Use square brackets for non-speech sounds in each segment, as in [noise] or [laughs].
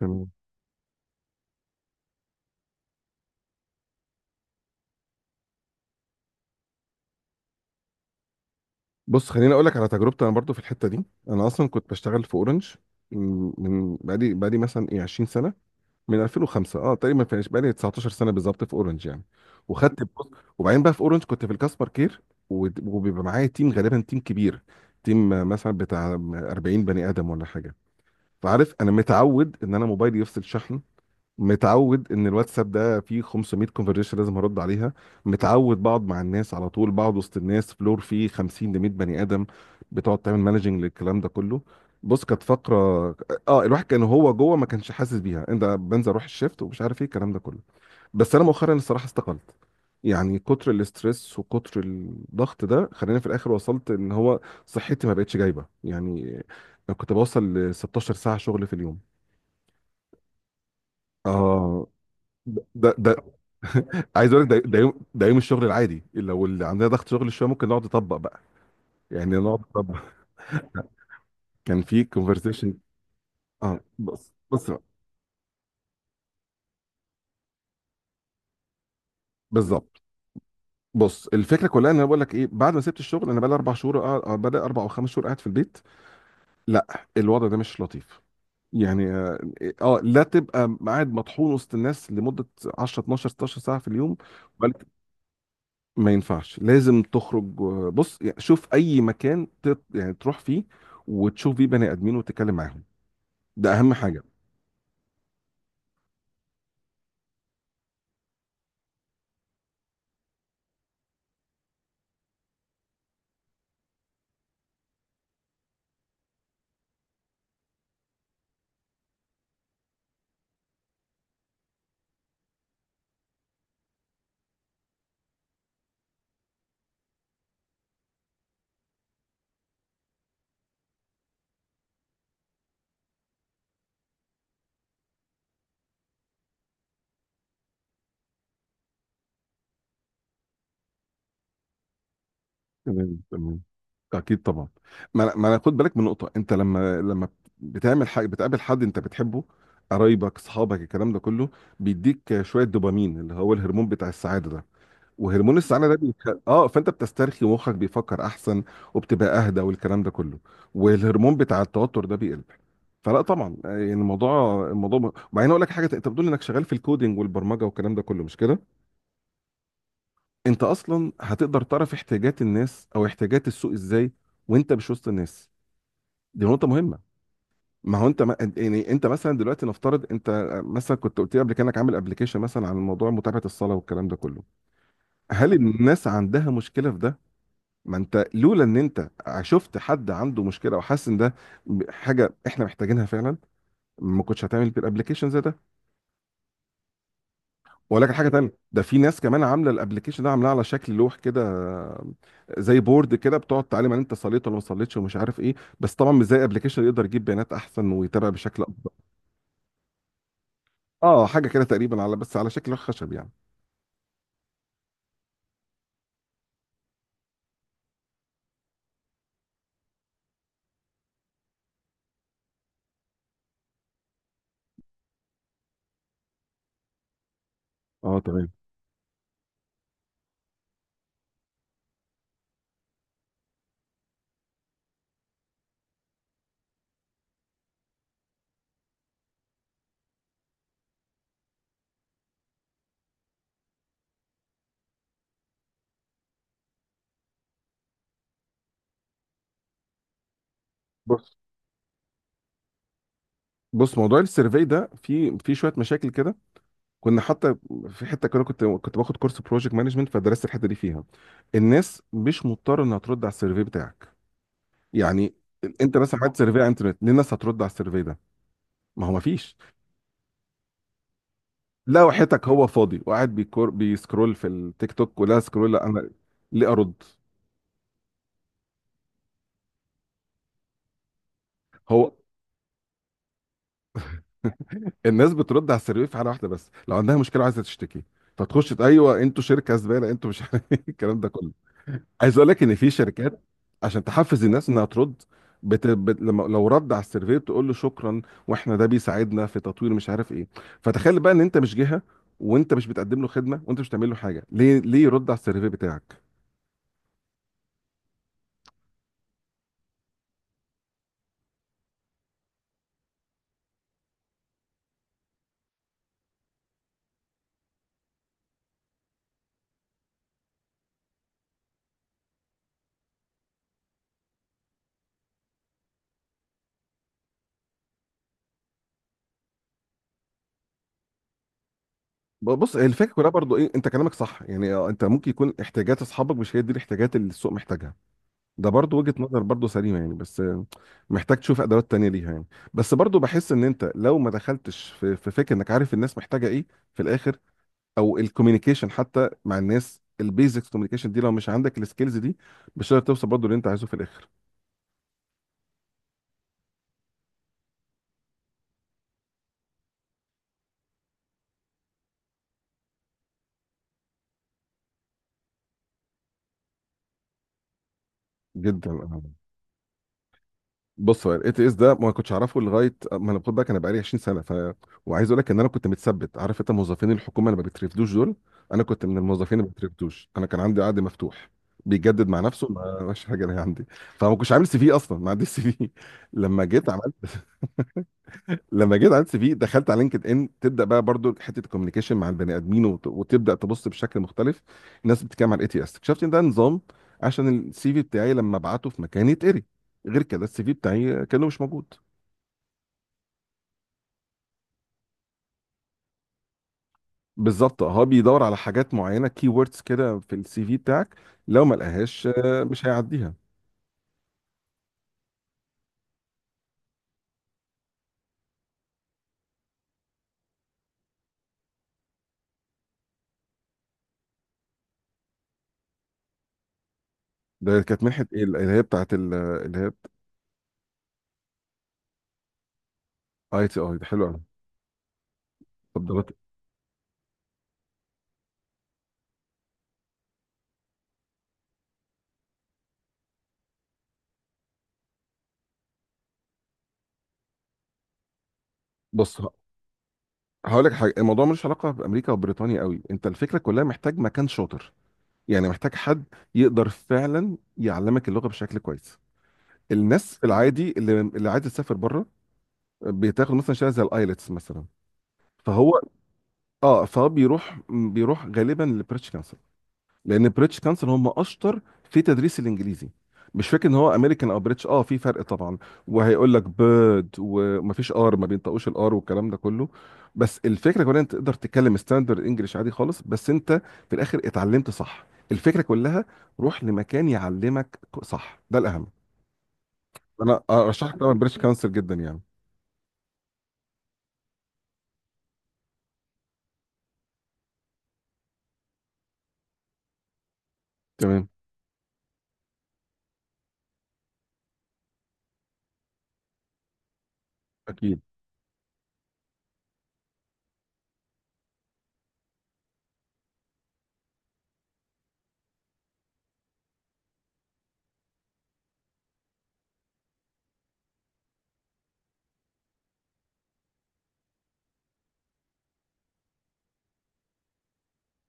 تمام. بص، خليني اقول لك على تجربتي انا برضو في الحته دي. انا اصلا كنت بشتغل في اورنج بقالي مثلا 20 سنه، من 2005 اه تقريبا، ما فيهاش، بقالي 19 سنه بالظبط في اورنج يعني. وخدت، بص، وبعدين بقى في اورنج كنت في الكاستمر كير، وبيبقى معايا تيم، غالبا تيم كبير، تيم مثلا بتاع 40 بني ادم ولا حاجه. فعارف انا متعود ان انا موبايلي يفصل شحن، متعود ان الواتساب ده فيه 500 كونفرجيشن لازم هرد عليها، متعود بقعد مع الناس على طول، بقعد وسط الناس فلور فيه 50 ل 100 بني ادم، بتقعد تعمل مانجنج للكلام ده كله. بص، كانت فقره، اه الواحد كان هو جوه ما كانش حاسس بيها، انت بنزل اروح الشيفت ومش عارف ايه الكلام ده كله. بس انا مؤخرا الصراحه استقلت، يعني كتر الاسترس وكتر الضغط ده خلاني في الاخر وصلت ان هو صحتي ما بقتش جايبه يعني، كنت بوصل ل 16 ساعه شغل في اليوم. اه. ده [laughs] عايز اقول لك ده يوم، ده يوم الشغل العادي. لو اللي عندنا ضغط شغل شويه ممكن نقعد نطبق بقى، يعني نقعد نطبق. [laughs] كان في كونفرسيشن. اه، بص بقى. بالظبط. بص الفكره كلها ان انا بقول لك ايه، بعد ما سبت الشغل انا بقى لي اربع شهور، بدا اربع او خمس شهور قاعد في البيت. لا، الوضع ده مش لطيف يعني. اه، لا تبقى قاعد مطحون وسط الناس لمده 10، 12، 16 ساعه في اليوم. بل- ما ينفعش، لازم تخرج. بص يعني، شوف اي مكان يعني تروح فيه وتشوف فيه بني ادمين وتتكلم معاهم، ده اهم حاجه. تمام تمام. اكيد طبعا. ما أنا خد بالك من نقطه، انت لما بتعمل حاجه بتقابل حد انت بتحبه، قرايبك، اصحابك، الكلام ده كله، بيديك شويه دوبامين اللي هو الهرمون بتاع السعاده ده. وهرمون السعاده ده اه، فانت بتسترخي ومخك بيفكر احسن، وبتبقى اهدى والكلام ده كله، والهرمون بتاع التوتر ده بيقل. فلا طبعا يعني، الموضوع وبعدين اقول لك حاجه، انت بتقول انك شغال في الكودينج والبرمجه والكلام ده كله مش كده؟ انت اصلا هتقدر تعرف احتياجات الناس او احتياجات السوق ازاي وانت مش وسط الناس؟ دي نقطه مهمه. ما هو انت، ما يعني انت مثلا دلوقتي نفترض، انت مثلا كنت قلت لي قبل كده انك عامل ابلكيشن مثلا عن موضوع متابعه الصلاه والكلام ده كله، هل الناس عندها مشكله في ده؟ ما انت لولا ان انت شفت حد عنده مشكله وحاسس ان ده حاجه احنا محتاجينها فعلا، ما كنتش هتعمل الابلكيشن زي ده. واقول لك على حاجه تانية، ده في ناس كمان عامله الابلكيشن ده، عاملاه على شكل لوح كده، زي بورد كده، بتقعد تعلم ان انت صليت ولا ما صليتش ومش عارف ايه. بس طبعا مش زي ابلكيشن يقدر يجيب بيانات احسن ويتابع بشكل افضل. اه، حاجه كده تقريبا، على بس على شكل لوح خشب يعني. اه تمام. بص بص موضوع السيرفي ده في شويه مشاكل كده. كنا حتى في حته كده، كنت باخد كورس بروجكت مانجمنت، فدرست الحته دي فيها. الناس مش مضطره انها ترد على السيرفي بتاعك يعني. انت مثلا عملت سيرفي على الانترنت، ليه الناس هترد على السيرفي ده؟ ما هو ما فيش. لا وحياتك، هو فاضي وقاعد بيكور، بيسكرول في التيك توك ولا سكرول، لا انا ليه ارد؟ هو الناس بترد على السيرفي في حاله واحده بس، لو عندها مشكله وعايزه تشتكي، فتخش ايوه انتوا شركه زباله، انتوا مش [laughs] عارف الكلام ده كله. عايز اقول لك ان في شركات عشان تحفز الناس انها ترد، لما لو رد على السيرفي تقول له شكرا، واحنا ده بيساعدنا في تطوير مش عارف ايه. فتخيل بقى ان انت مش جهه، وانت مش بتقدم له خدمه، وانت مش بتعمل له حاجه، ليه، ليه يرد على السيرفي بتاعك؟ بص، هي الفكره كلها برضو ايه، انت كلامك صح يعني، انت ممكن يكون احتياجات اصحابك مش هي دي الاحتياجات اللي السوق محتاجها، ده برضو وجهه نظر برضو سليمه يعني. بس محتاج تشوف ادوات تانية ليها يعني. بس برضو بحس ان انت لو ما دخلتش في فكره انك عارف الناس محتاجه ايه في الاخر، او الكوميونيكيشن حتى مع الناس، البيزكس كوميونيكيشن دي لو مش عندك السكيلز دي، مش هتقدر توصل برضو اللي انت عايزه في الاخر. جدا بص، هو الاي تي اس ده ما كنتش اعرفه لغايه ما انا، خد بالك انا بقالي 20 سنه، ف، وعايز اقول لك ان انا كنت متثبت. عارف انت موظفين الحكومه اللي ما بيترفدوش دول؟ انا كنت من الموظفين اللي ما بيترفدوش، انا كان عندي عقد مفتوح بيجدد مع نفسه، ما ماشي حاجه، انا عندي. فما كنتش عامل سي في اصلا، ما عنديش سي في [laughs] لما جيت عملت [laughs] لما جيت عملت سي في، دخلت على لينكد ان، تبدا بقى برضو حته الكوميونيكيشن مع البني ادمين، وتبدا تبص بشكل مختلف. الناس بتتكلم على الاي تي اس، اكتشفت ان ده نظام عشان السي في بتاعي لما ابعته في مكان يتقري، غير كده السي في بتاعي كانه مش موجود. بالظبط، هو بيدور على حاجات معينه، كي ووردز كده في السي في بتاعك، لو ما لقاهاش مش هيعديها. ده كانت منحه ايه اللي هي بتاعت اللي هي؟ اي تي اي ده حلو قوي. طب ده بص، هقول لك حاجه، الموضوع ملوش علاقه بامريكا وبريطانيا قوي، انت الفكره كلها محتاج مكان شاطر، يعني محتاج حد يقدر فعلا يعلمك اللغه بشكل كويس. الناس في العادي، اللي عايزه تسافر بره بتاخد مثلا شهاده زي الايلتس مثلا، فهو، اه فهو بيروح غالبا لبريتش، لان بريتش كانسل هم اشطر في تدريس الانجليزي. مش فاكر ان هو امريكان او بريتش، اه في فرق طبعا، وهيقول لك بيرد ومفيش ار ما بينطقوش الار والكلام ده كله، بس الفكره كلها انت تقدر تتكلم ستاندرد انجلش عادي خالص، بس انت في الاخر اتعلمت صح. الفكره كلها، روح لمكان يعلمك صح، ده الاهم. انا ارشحك طبعا بريتش كانسل جدا يعني. تمام، اكيد.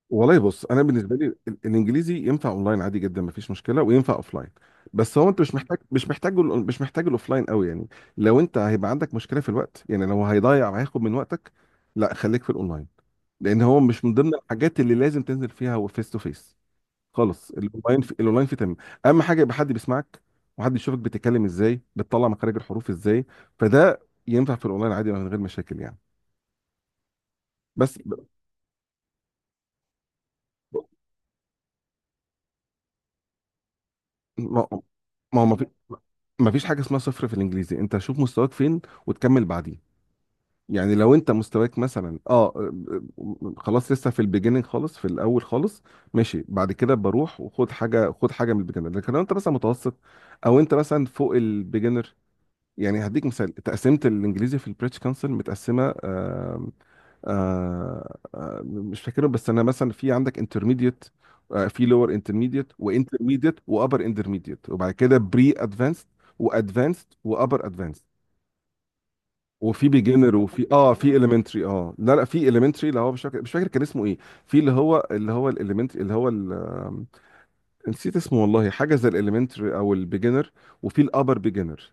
والله بص، انا بالنسبه لي الانجليزي ينفع اونلاين عادي جدا مفيش مشكله، وينفع اوفلاين. بس هو انت مش محتاج مش محتاج الاوفلاين قوي يعني. لو انت هيبقى عندك مشكله في الوقت، يعني لو هيضيع وهياخد من وقتك، لا خليك في الاونلاين، لان هو مش من ضمن الحاجات اللي لازم تنزل فيها هو فيس تو فيس خالص. الاونلاين في تمام. اهم حاجه يبقى حد بيسمعك، وحد يشوفك بتتكلم ازاي، بتطلع مخارج الحروف ازاي، فده ينفع في الاونلاين عادي من غير مشاكل يعني. بس ما ما هو ما فيش حاجه اسمها صفر في الانجليزي، انت شوف مستواك فين وتكمل بعديه. يعني لو انت مستواك مثلا خلاص لسه في البيجيننج خالص في الاول خالص، ماشي، بعد كده بروح وخد حاجه، خد حاجه من البيجنر. لكن لو انت مثلا متوسط، او انت مثلا فوق البيجنر، يعني هديك مثال، تقسيمه الانجليزي في البريتش كونسل متقسمه مش فاكرهم، بس انا مثلا في عندك انترميديت، آه في لور انترميديت وانترميديت وابر انترميديت، وبعد كده بري ادفانسد وادفانسد وابر ادفانسد، وفي بيجنر، وفي اه في اليمنتري، اه لا لا في اليمنتري، اللي هو مش فاكر كان اسمه ايه، في اللي هو، اللي هو الاليمنتري، اللي هو ال- آم، نسيت اسمه والله، حاجه زي الاليمنتري او البيجنر، وفي الابر بيجنر،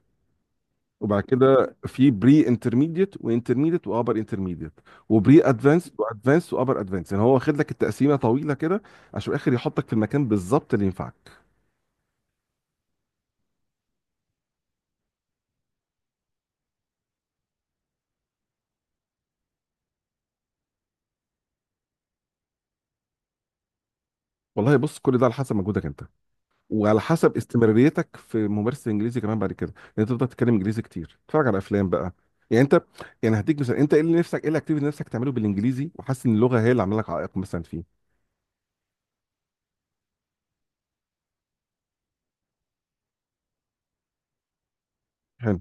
وبعد كده في بري انترميديت وانترميديت وابر انترميديت، وبري ادفانس وادفانس وابر ادفانس، يعني هو واخد لك التقسيمه طويله كده عشان في الاخر يحطك في المكان بالظبط اللي ينفعك. والله بص، كل ده على حسب مجهودك انت، وعلى حسب استمراريتك في ممارسه الانجليزي كمان بعد كده، لان انت تفضل تتكلم انجليزي كتير، تتفرج على افلام بقى يعني. انت، يعني هديك مثال، انت ايه اللي نفسك، ايه الاكتيفيتي اللي نفسك تعمله بالانجليزي وحاسس ان اللغه هي اللي عامله لك عائق مثلا فيه؟ حلو.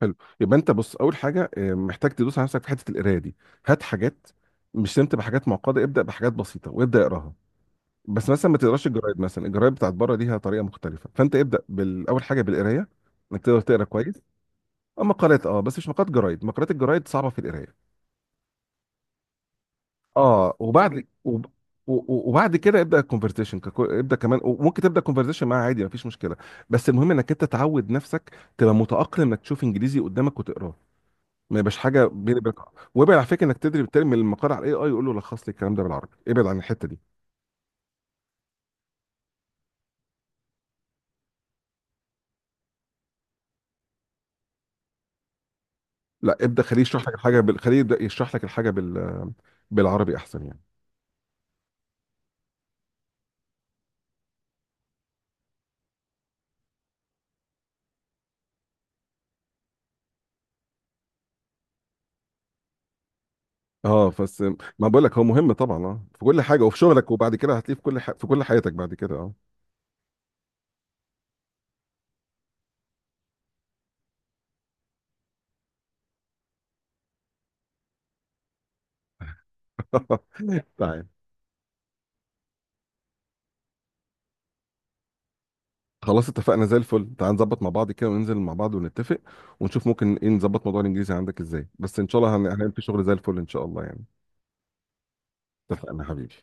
حلو، يبقى انت بص، اول حاجه محتاج تدوس على نفسك في حته القرايه دي، هات حاجات مش سمت، بحاجات معقده ابدا، بحاجات بسيطه، وابدا اقراها. بس مثلا ما تقراش الجرايد، مثلا الجرايد بتاعت بره ليها طريقه مختلفه، فانت ابدا بالاول حاجه بالقرايه انك تقدر تقرا كويس. اما مقالات اه، بس مش مقالات جرايد، مقالات الجرايد صعبه في القرايه. اه وبعد وب... و- و- وبعد كده ابدا الكونفرسيشن، ابدا كمان، وممكن تبدا كونفرسيشن معاه عادي مفيش مشكله. بس المهم انك انت تعود نفسك، تبقى متاقلم انك تشوف انجليزي قدامك وتقراه، ما يبقاش حاجه بيني وبينك. وابعد على فكره، انك تدري ترمي المقال على الاي اي يقول له لخص لي الكلام ده بالعربي، ابعد عن الحته دي. لا ابدا، خليه يبدا يشرح لك الحاجه بالعربي احسن يعني. اه بس، ما بقول لك هو مهم طبعا اه، في كل حاجه وفي شغلك، وبعد كده هتلاقيه في كل في كل حياتك بعد كده. اه [laughs] تعال، خلاص اتفقنا زي الفل، تعال نظبط مع بعض كده وننزل مع بعض ونتفق، ونشوف ممكن ايه نظبط موضوع الانجليزي عندك ازاي، بس ان شاء الله هنعمل فيه شغل زي الفل ان شاء الله يعني. اتفقنا حبيبي.